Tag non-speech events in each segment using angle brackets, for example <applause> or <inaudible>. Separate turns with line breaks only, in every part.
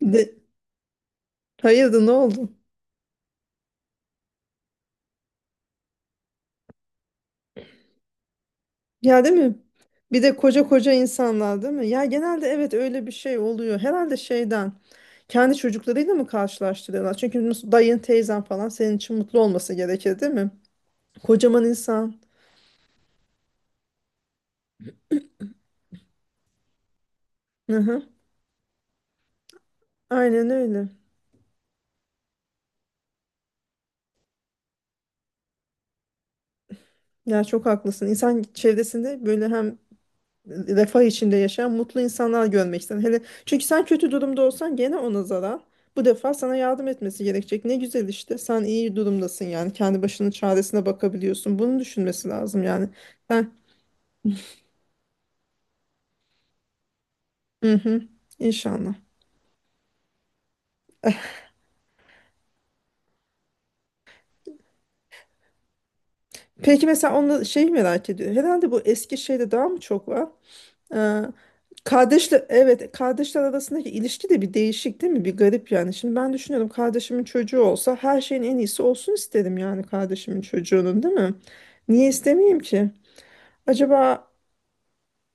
De, hayırdır ne oldu? Ya değil mi? Bir de koca koca insanlar değil mi? Ya genelde evet öyle bir şey oluyor. Herhalde şeyden kendi çocuklarıyla mı karşılaştırıyorlar? Çünkü dayın teyzen falan senin için mutlu olması gerekir değil mi? Kocaman insan. Hı hı. Aynen öyle. Ya çok haklısın. İnsan çevresinde böyle hem refah içinde yaşayan mutlu insanlar görmek isterim. Hele çünkü sen kötü durumda olsan gene ona zarar. Bu defa sana yardım etmesi gerekecek. Ne güzel işte. Sen iyi durumdasın yani. Kendi başının çaresine bakabiliyorsun. Bunu düşünmesi lazım yani. Ben, hı hı. İnşallah. Peki mesela onu şey merak ediyor. Herhalde bu eski şeyde daha mı çok var? Ee, Kardeşler, evet, kardeşler arasındaki ilişki de bir değişik değil mi? Bir garip yani. Şimdi ben düşünüyorum kardeşimin çocuğu olsa her şeyin en iyisi olsun isterim yani kardeşimin çocuğunun değil mi? Niye istemeyeyim ki? Acaba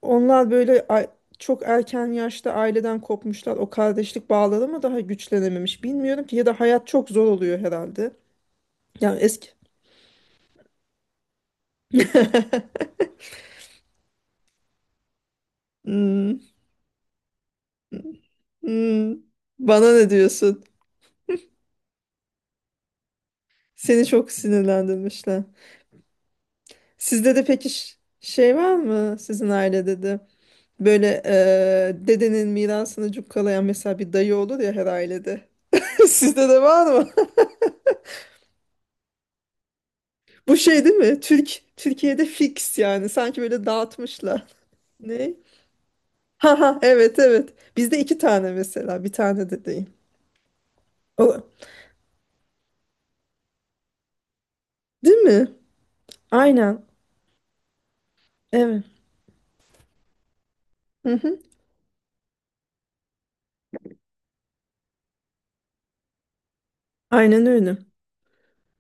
onlar böyle çok erken yaşta aileden kopmuşlar. O kardeşlik bağları mı daha güçlenememiş bilmiyorum ki ya da hayat çok zor oluyor herhalde. Yani eski. Hmm, hmm. Bana ne diyorsun? Seni çok sinirlendirmişler. Sizde de peki şey var mı sizin ailede de böyle dedenin mirasını cukkalayan mesela bir dayı olur ya her ailede. <laughs> Sizde de var mı? <laughs> Bu şey değil mi? Türkiye'de fix yani sanki böyle dağıtmışlar. <laughs> Ne? Ha ha, evet evet. Bizde iki tane mesela bir tane de değil. O, değil mi? Aynen. Evet. Hı hı. Aynen öyle.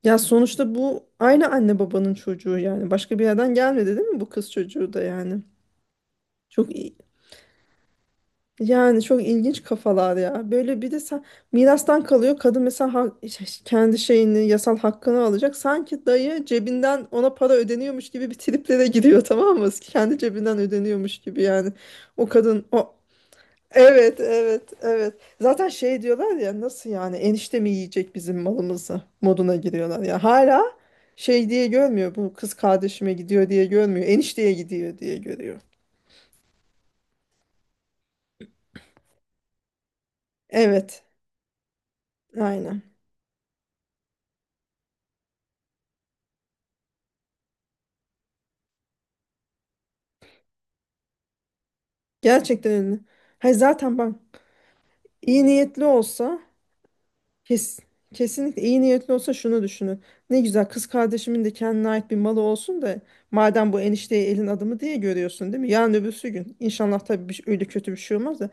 Ya sonuçta bu aynı anne babanın çocuğu yani. Başka bir yerden gelmedi değil mi bu kız çocuğu da yani? Çok i- Yani çok ilginç kafalar ya. Böyle bir de sen mirastan kalıyor. Kadın mesela işte kendi şeyini, yasal hakkını alacak. Sanki dayı cebinden ona para ödeniyormuş gibi bir triplere giriyor tamam mı? Kendi cebinden ödeniyormuş gibi yani. O kadın o. Evet, evet, evet. Zaten şey diyorlar ya nasıl yani enişte mi yiyecek bizim malımızı moduna giriyorlar ya. Hala şey diye görmüyor bu kız kardeşime gidiyor diye görmüyor. Enişteye gidiyor diye görüyor. Evet, aynen. Gerçekten öyle. Hayır zaten bak iyi niyetli olsa kes, kesinlikle iyi niyetli olsa şunu düşünür. Ne güzel kız kardeşimin de kendine ait bir malı olsun da madem bu enişteyi elin adamı diye görüyorsun değil mi? Yarın öbürsü gün inşallah tabii bir, öyle kötü bir şey olmaz da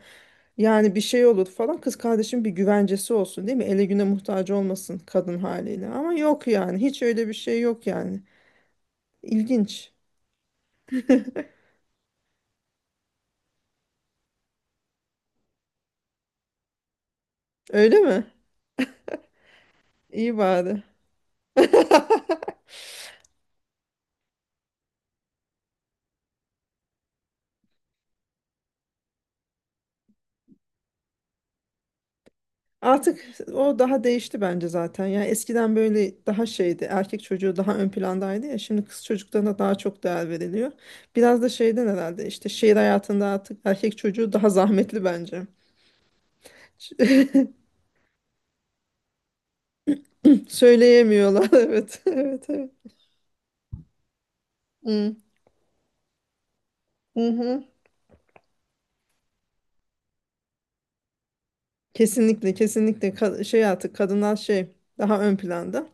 yani bir şey olur falan kız kardeşim bir güvencesi olsun değil mi? Ele güne muhtaç olmasın kadın haliyle ama yok yani hiç öyle bir şey yok yani. İlginç. Öyle mi? İyi bari. Artık o daha değişti bence zaten. Yani eskiden böyle daha şeydi. Erkek çocuğu daha ön plandaydı ya. Şimdi kız çocuklarına daha çok değer veriliyor. Biraz da şeyden herhalde işte şehir hayatında artık erkek çocuğu daha zahmetli bence. <laughs> Söyleyemiyorlar. <laughs> Evet, evet, evet. Hı, hı hı. Kesinlikle, kesinlikle şey artık kadınlar şey daha ön planda.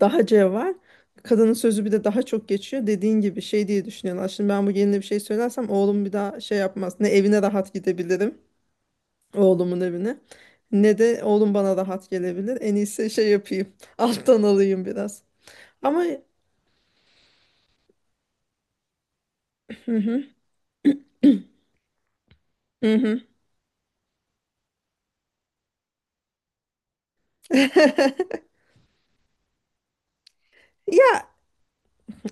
Daha cevval. Kadının sözü bir de daha çok geçiyor. Dediğin gibi şey diye düşünüyorlar. Şimdi ben bu geline bir şey söylersem oğlum bir daha şey yapmaz. Ne evine rahat gidebilirim. Oğlumun evine. Ne de oğlum bana rahat gelebilir. En iyisi şey yapayım. <laughs> Alttan alayım biraz. Ama hı hı, hı hı. <laughs>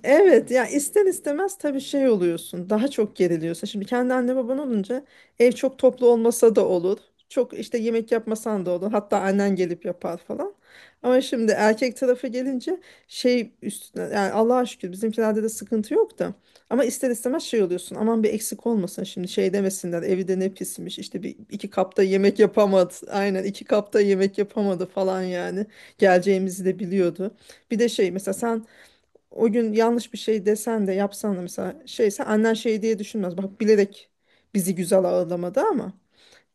Evet ya ister istemez tabii şey oluyorsun daha çok geriliyorsun. Şimdi kendi anne baban olunca ev çok toplu olmasa da olur. Çok işte yemek yapmasan da olur. Hatta annen gelip yapar falan. Ama şimdi erkek tarafı gelince şey üstüne yani Allah'a şükür bizimkilerde de sıkıntı yok da. Ama ister istemez şey oluyorsun aman bir eksik olmasın şimdi şey demesinler evi de ne pismiş işte bir iki kapta yemek yapamadı. Aynen iki kapta yemek yapamadı falan yani geleceğimizi de biliyordu. Bir de şey mesela sen o gün yanlış bir şey desen de yapsan da mesela şeyse annen şey diye düşünmez. Bak bilerek bizi güzel ağırlamadı ama.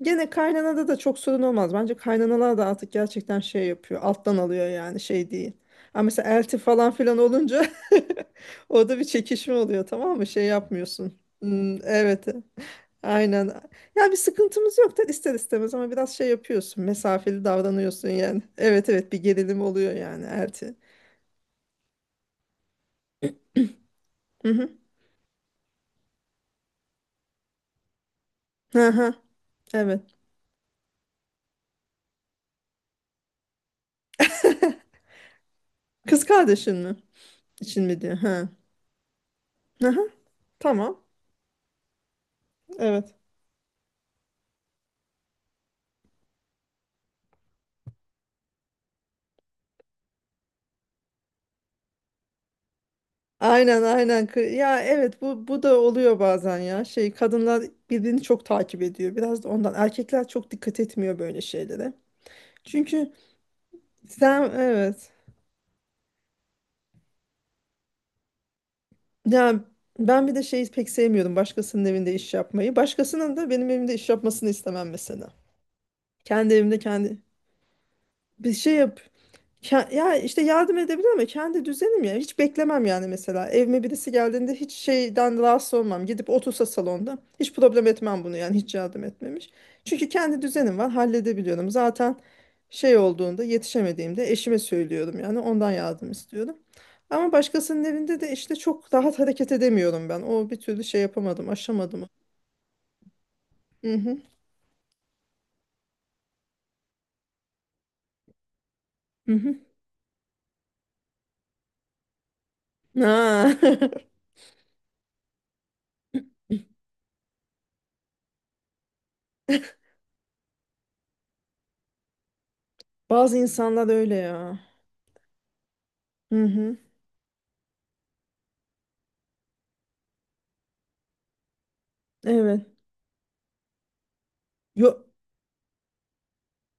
Gene kaynanada da çok sorun olmaz. Bence kaynanalar da artık gerçekten şey yapıyor. Alttan alıyor yani şey değil. Ama mesela elti falan filan olunca <laughs> orada bir çekişme oluyor tamam mı? Şey yapmıyorsun. Hmm, evet. Aynen. Ya bir sıkıntımız yok da ister istemez ama biraz şey yapıyorsun. Mesafeli davranıyorsun yani. Evet evet, bir gerilim oluyor yani elti. Hı hı. Hı hı. Evet. Kız kardeşin mi? İçin mi diyor. Ha. Aha, tamam. Evet. Aynen aynen. Ya evet, bu da oluyor bazen ya. Şey kadınlar birbirini çok takip ediyor. Biraz da ondan. Erkekler çok dikkat etmiyor böyle şeylere. Çünkü sen evet. Ya ben bir de şeyi pek sevmiyorum başkasının evinde iş yapmayı. Başkasının da benim evimde iş yapmasını istemem mesela. Kendi evimde kendi bir şey yap. Ya işte yardım edebilir ama kendi düzenim ya. Hiç beklemem yani mesela. Evime birisi geldiğinde hiç şeyden rahatsız olmam. Gidip otursa salonda. Hiç problem etmem bunu yani hiç yardım etmemiş. Çünkü kendi düzenim var halledebiliyorum. Zaten şey olduğunda yetişemediğimde eşime söylüyorum yani ondan yardım istiyorum. Ama başkasının evinde de işte çok rahat hareket edemiyorum ben. O bir türlü şey yapamadım, aşamadım. Hı hı. Hı hı. Ha. <laughs> Bazı insanlar öyle ya. Hı hı. Evet. Yo,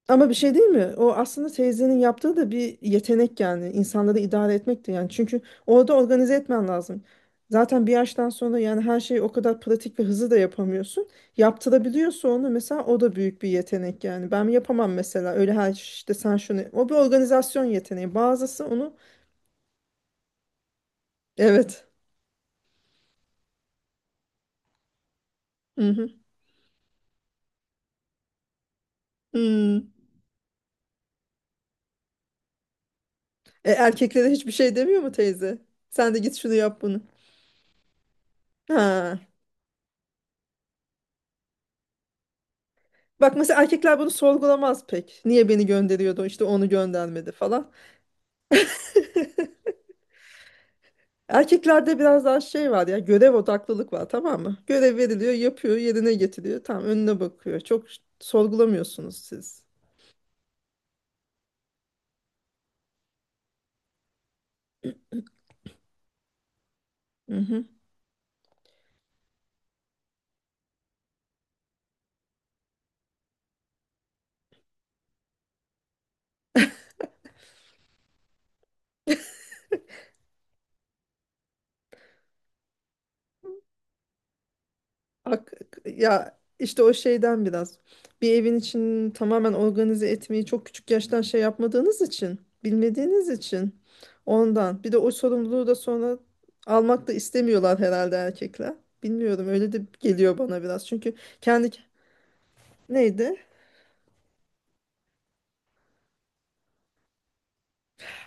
ama bir şey değil mi? O aslında teyzenin yaptığı da bir yetenek yani. İnsanları idare etmekti yani. Çünkü orada organize etmen lazım. Zaten bir yaştan sonra yani her şeyi o kadar pratik ve hızlı da yapamıyorsun. Yaptırabiliyorsa onu mesela o da büyük bir yetenek yani. Ben yapamam mesela öyle her işte sen şunu. O bir organizasyon yeteneği. Bazısı onu evet. Hı hı. Hmm. E, erkeklere hiçbir şey demiyor mu teyze? Sen de git şunu yap bunu. Ha. Bak mesela erkekler bunu sorgulamaz pek. Niye beni gönderiyordu işte onu göndermedi falan. Erkeklerde biraz daha şey var ya görev odaklılık var tamam mı? Görev veriliyor yapıyor yerine getiriyor tamam önüne bakıyor. Çok sorgulamıyorsunuz siz. Mhm. Ak- Ya işte o şeyden biraz. Bir evin içini tamamen organize etmeyi çok küçük yaştan şey yapmadığınız için, bilmediğiniz için ondan. Bir de o sorumluluğu da sonra almak da istemiyorlar herhalde erkekler. Bilmiyorum öyle de geliyor bana biraz. Çünkü kendi neydi?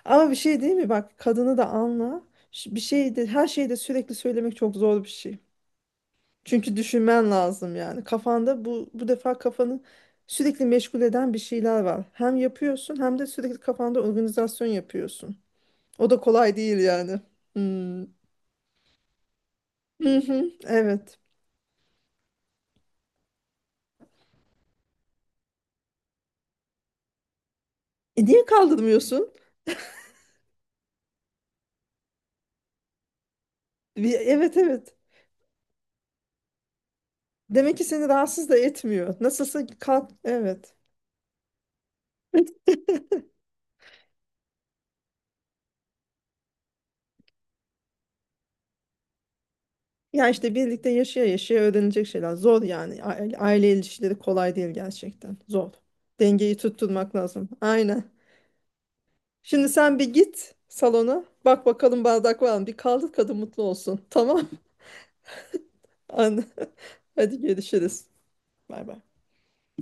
Ama bir şey değil mi? Bak kadını da anla. Bir şeyde her şeyi de sürekli söylemek çok zor bir şey. Çünkü düşünmen lazım yani. Kafanda bu defa kafanı sürekli meşgul eden bir şeyler var. Hem yapıyorsun hem de sürekli kafanda organizasyon yapıyorsun. O da kolay değil yani. Hmm. Hı hı, evet. E niye kaldırmıyorsun? Evet evet. Demek ki seni rahatsız da etmiyor. Nasılsa kalk. Evet. Ya işte birlikte yaşaya yaşaya öğrenilecek şeyler. Zor yani. Aile ilişkileri kolay değil gerçekten. Zor. Dengeyi tutturmak lazım. Aynen. Şimdi sen bir git salona. Bak bakalım bardak var mı? Bir kaldır kadın mutlu olsun. Tamam. <laughs> Anne. Hadi görüşürüz. Bay bay.